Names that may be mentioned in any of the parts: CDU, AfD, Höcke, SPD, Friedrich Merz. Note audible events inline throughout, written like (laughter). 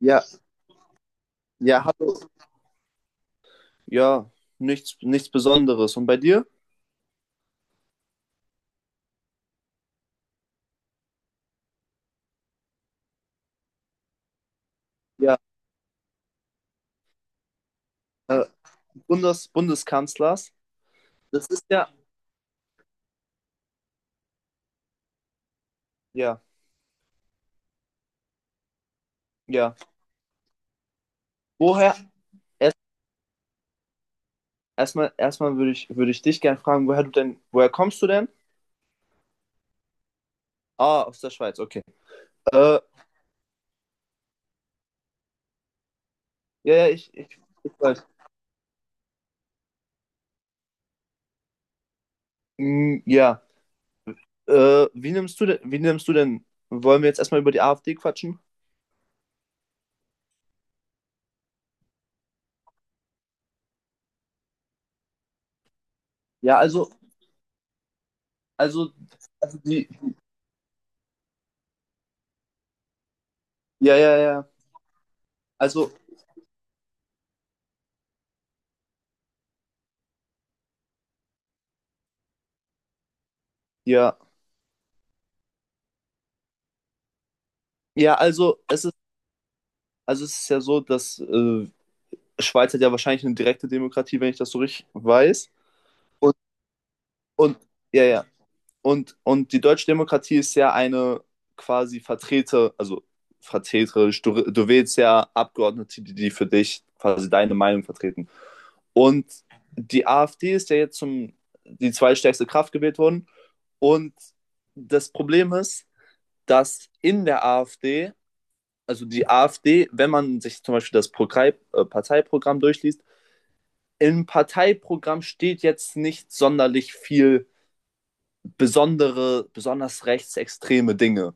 Ja, ja, hallo. Ja, nichts Besonderes. Und bei dir? Ja, äh, Bundeskanzlers. Das ist ja, ja, ja. Woher, erst, erstmal würde ich dich gerne fragen, woher kommst du denn? Ah, aus der Schweiz, okay. Äh, ja, ja, ich weiß. Mm, ja, wie nimmst du denn, wie nimmst du denn, wollen wir jetzt erstmal über die AfD quatschen? Ja, also, also ja, ja, ja, also, ja, ja, also es ist ja so, dass Schweiz hat ja wahrscheinlich eine direkte Demokratie, wenn ich das so richtig weiß. Und, und ja, ja. Und die deutsche Demokratie ist ja eine quasi vertreterisch. Du wählst ja Abgeordnete, die für dich quasi deine Meinung vertreten. Und die AfD ist ja jetzt die zweitstärkste Kraft gewählt worden. Und das Problem ist, dass in der AfD, also die AfD, wenn man sich zum Beispiel das Parteiprogramm durchliest, im Parteiprogramm steht jetzt nicht sonderlich viel besonders rechtsextreme Dinge.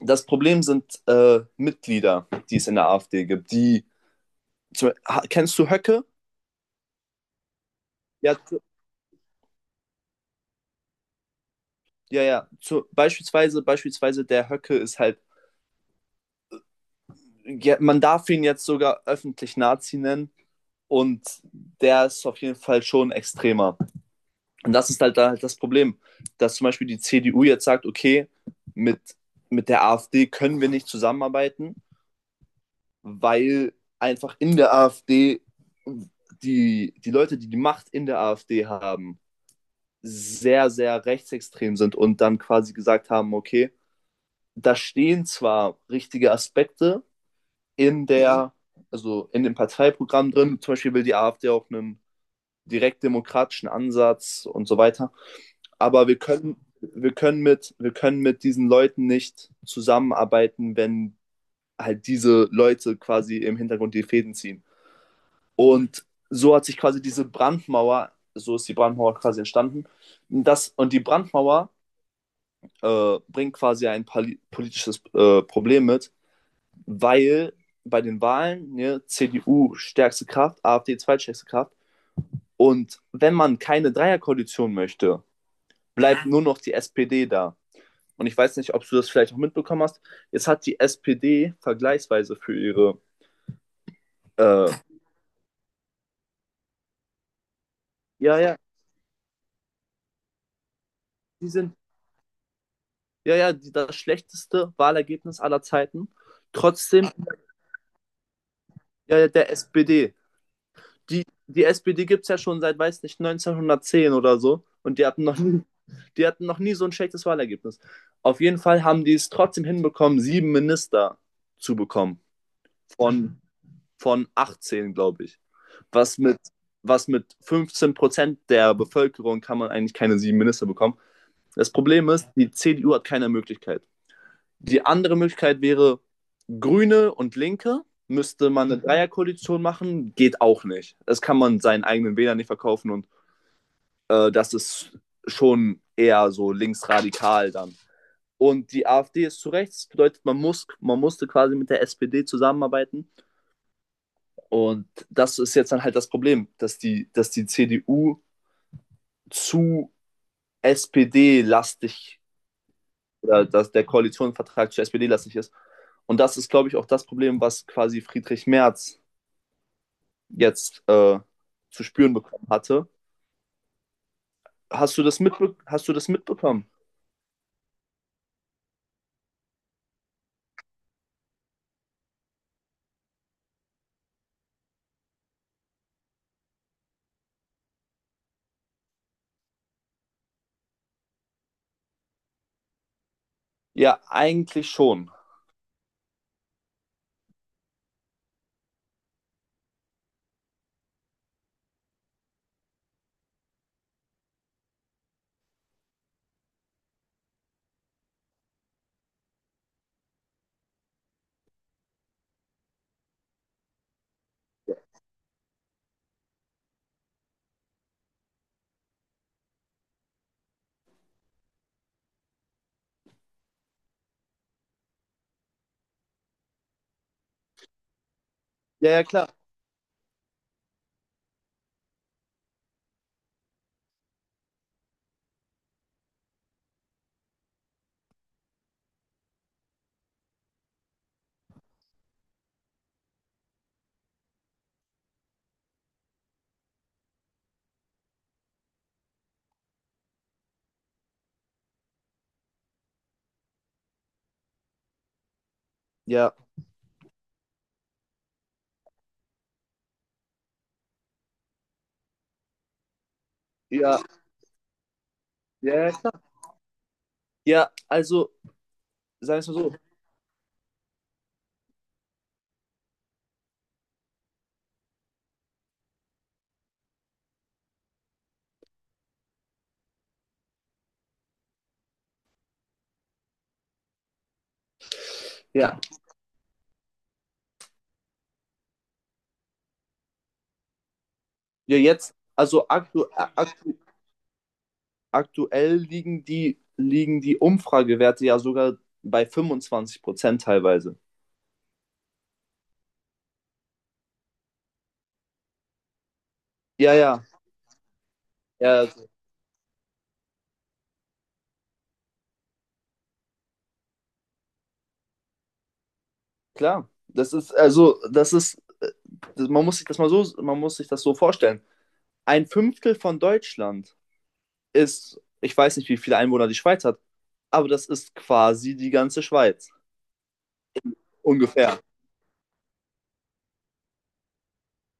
Das Problem sind Mitglieder, die es in der AfD gibt. Kennst du Höcke? Ja, ja, ja. Beispielsweise der Höcke ist halt, ja, man darf ihn jetzt sogar öffentlich Nazi nennen und der ist auf jeden Fall schon extremer. Und das ist halt da halt das Problem, dass zum Beispiel die CDU jetzt sagt, okay, mit, mit der AfD können wir nicht zusammenarbeiten, weil einfach in der AfD die Leute, die die Macht in der AfD haben, sehr, sehr rechtsextrem sind und dann quasi gesagt haben, okay, da stehen zwar richtige Aspekte in der, also in dem Parteiprogramm drin, zum Beispiel will die AfD auch einen direktdemokratischen Ansatz und so weiter. Aber wir können mit diesen Leuten nicht zusammenarbeiten, wenn halt diese Leute quasi im Hintergrund die Fäden ziehen. Und so hat sich quasi diese Brandmauer, so ist die Brandmauer quasi entstanden. Und die Brandmauer bringt quasi ein politisches Problem mit, weil bei den Wahlen ne, CDU stärkste Kraft, AfD zweitstärkste Kraft. Und wenn man keine Dreierkoalition möchte, bleibt nur noch die SPD da. Und ich weiß nicht, ob du das vielleicht auch mitbekommen hast, jetzt hat die SPD äh, ja, ja, die sind, ja, ja, das schlechteste Wahlergebnis aller Zeiten. Trotzdem, ja, ja, der SPD. Die SPD gibt es ja schon seit, weiß nicht, 1910 oder so. Und die hatten noch nie so ein schlechtes Wahlergebnis. Auf jeden Fall haben die es trotzdem hinbekommen, sieben Minister zu bekommen, von, von 18, glaube ich. Was mit, was mit 15% der Bevölkerung kann man eigentlich keine sieben Minister bekommen. Das Problem ist, die CDU hat keine Möglichkeit. Die andere Möglichkeit wäre, Grüne und Linke müsste man eine Dreierkoalition machen, geht auch nicht. Das kann man seinen eigenen Wählern nicht verkaufen und das ist schon eher so linksradikal dann. Und die AfD ist zu rechts, das bedeutet, man musste quasi mit der SPD zusammenarbeiten. Und das ist jetzt dann halt das Problem, dass die CDU zu SPD-lastig oder dass der Koalitionsvertrag zu SPD-lastig ist. Und das ist, glaube ich, auch das Problem, was quasi Friedrich Merz jetzt zu spüren bekommen hatte. Hast du das mitbekommen? Ja, eigentlich schon. Ja, ja, klar. Ja, ja, ja, ja, klar. Ja, also, sagen wir es mal so. Ja, ja jetzt, also aktu aktu aktuell liegen die Umfragewerte ja sogar bei 25% teilweise. Ja, ja, ja, also, klar. Das ist, also, das ist, das- Man muss sich das so vorstellen. Ein Fünftel von Deutschland ist, ich weiß nicht, wie viele Einwohner die Schweiz hat, aber das ist quasi die ganze Schweiz. Ungefähr.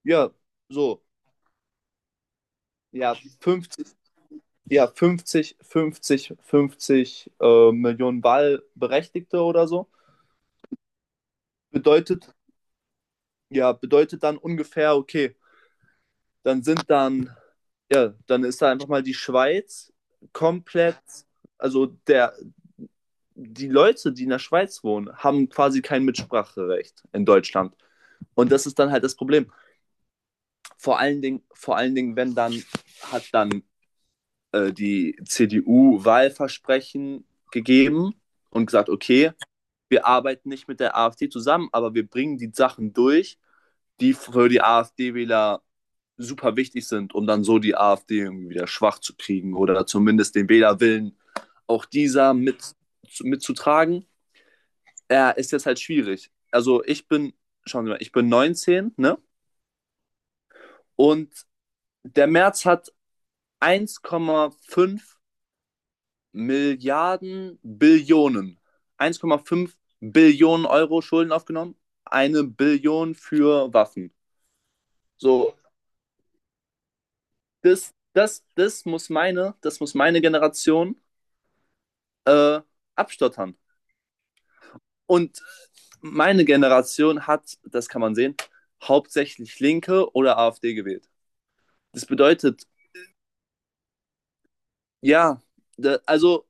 Ja, so. Ja, fünfzig Millionen Wahlberechtigte oder so. Bedeutet, ja, bedeutet dann ungefähr, okay, dann sind dann, ja, dann ist da einfach mal die Schweiz komplett, also der, die Leute, die in der Schweiz wohnen, haben quasi kein Mitspracherecht in Deutschland. Und das ist dann halt das Problem. Vor allen Dingen, wenn dann hat dann die CDU Wahlversprechen gegeben und gesagt, okay, wir arbeiten nicht mit der AfD zusammen, aber wir bringen die Sachen durch, die für die AfD-Wähler super wichtig sind, um dann so die AfD irgendwie wieder schwach zu kriegen oder zumindest den Wählerwillen auch dieser mitzutragen, ja, ist jetzt halt schwierig. Also schauen Sie mal, ich bin 19, ne? Und der März hat 1,5 Milliarden Billionen. 1,5 Billionen Euro Schulden aufgenommen. Eine Billion für Waffen. So, das muss meine Generation äh, abstottern. Und meine Generation hat, das kann man sehen, hauptsächlich Linke oder AfD gewählt. Das bedeutet, ja, da, also,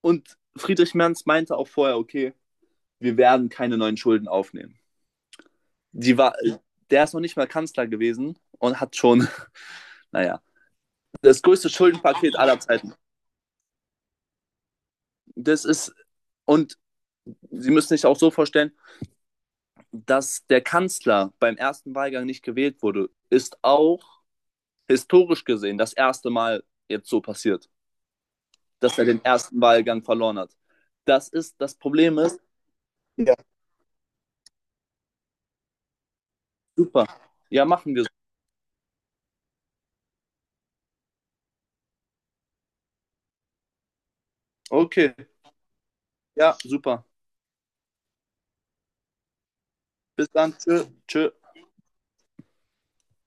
und Friedrich Merz meinte auch vorher, okay, wir werden keine neuen Schulden aufnehmen. Die war, Der ist noch nicht mal Kanzler gewesen und hat schon, (laughs) naja, das größte Schuldenpaket aller Zeiten. Das ist, und Sie müssen sich auch so vorstellen, dass der Kanzler beim ersten Wahlgang nicht gewählt wurde, ist auch historisch gesehen das erste Mal jetzt so passiert, dass er den ersten Wahlgang verloren hat. Das Problem ist. Ja. Super. Ja, machen wir so. Okay, ja, super. Bis dann. Tschö, tschö.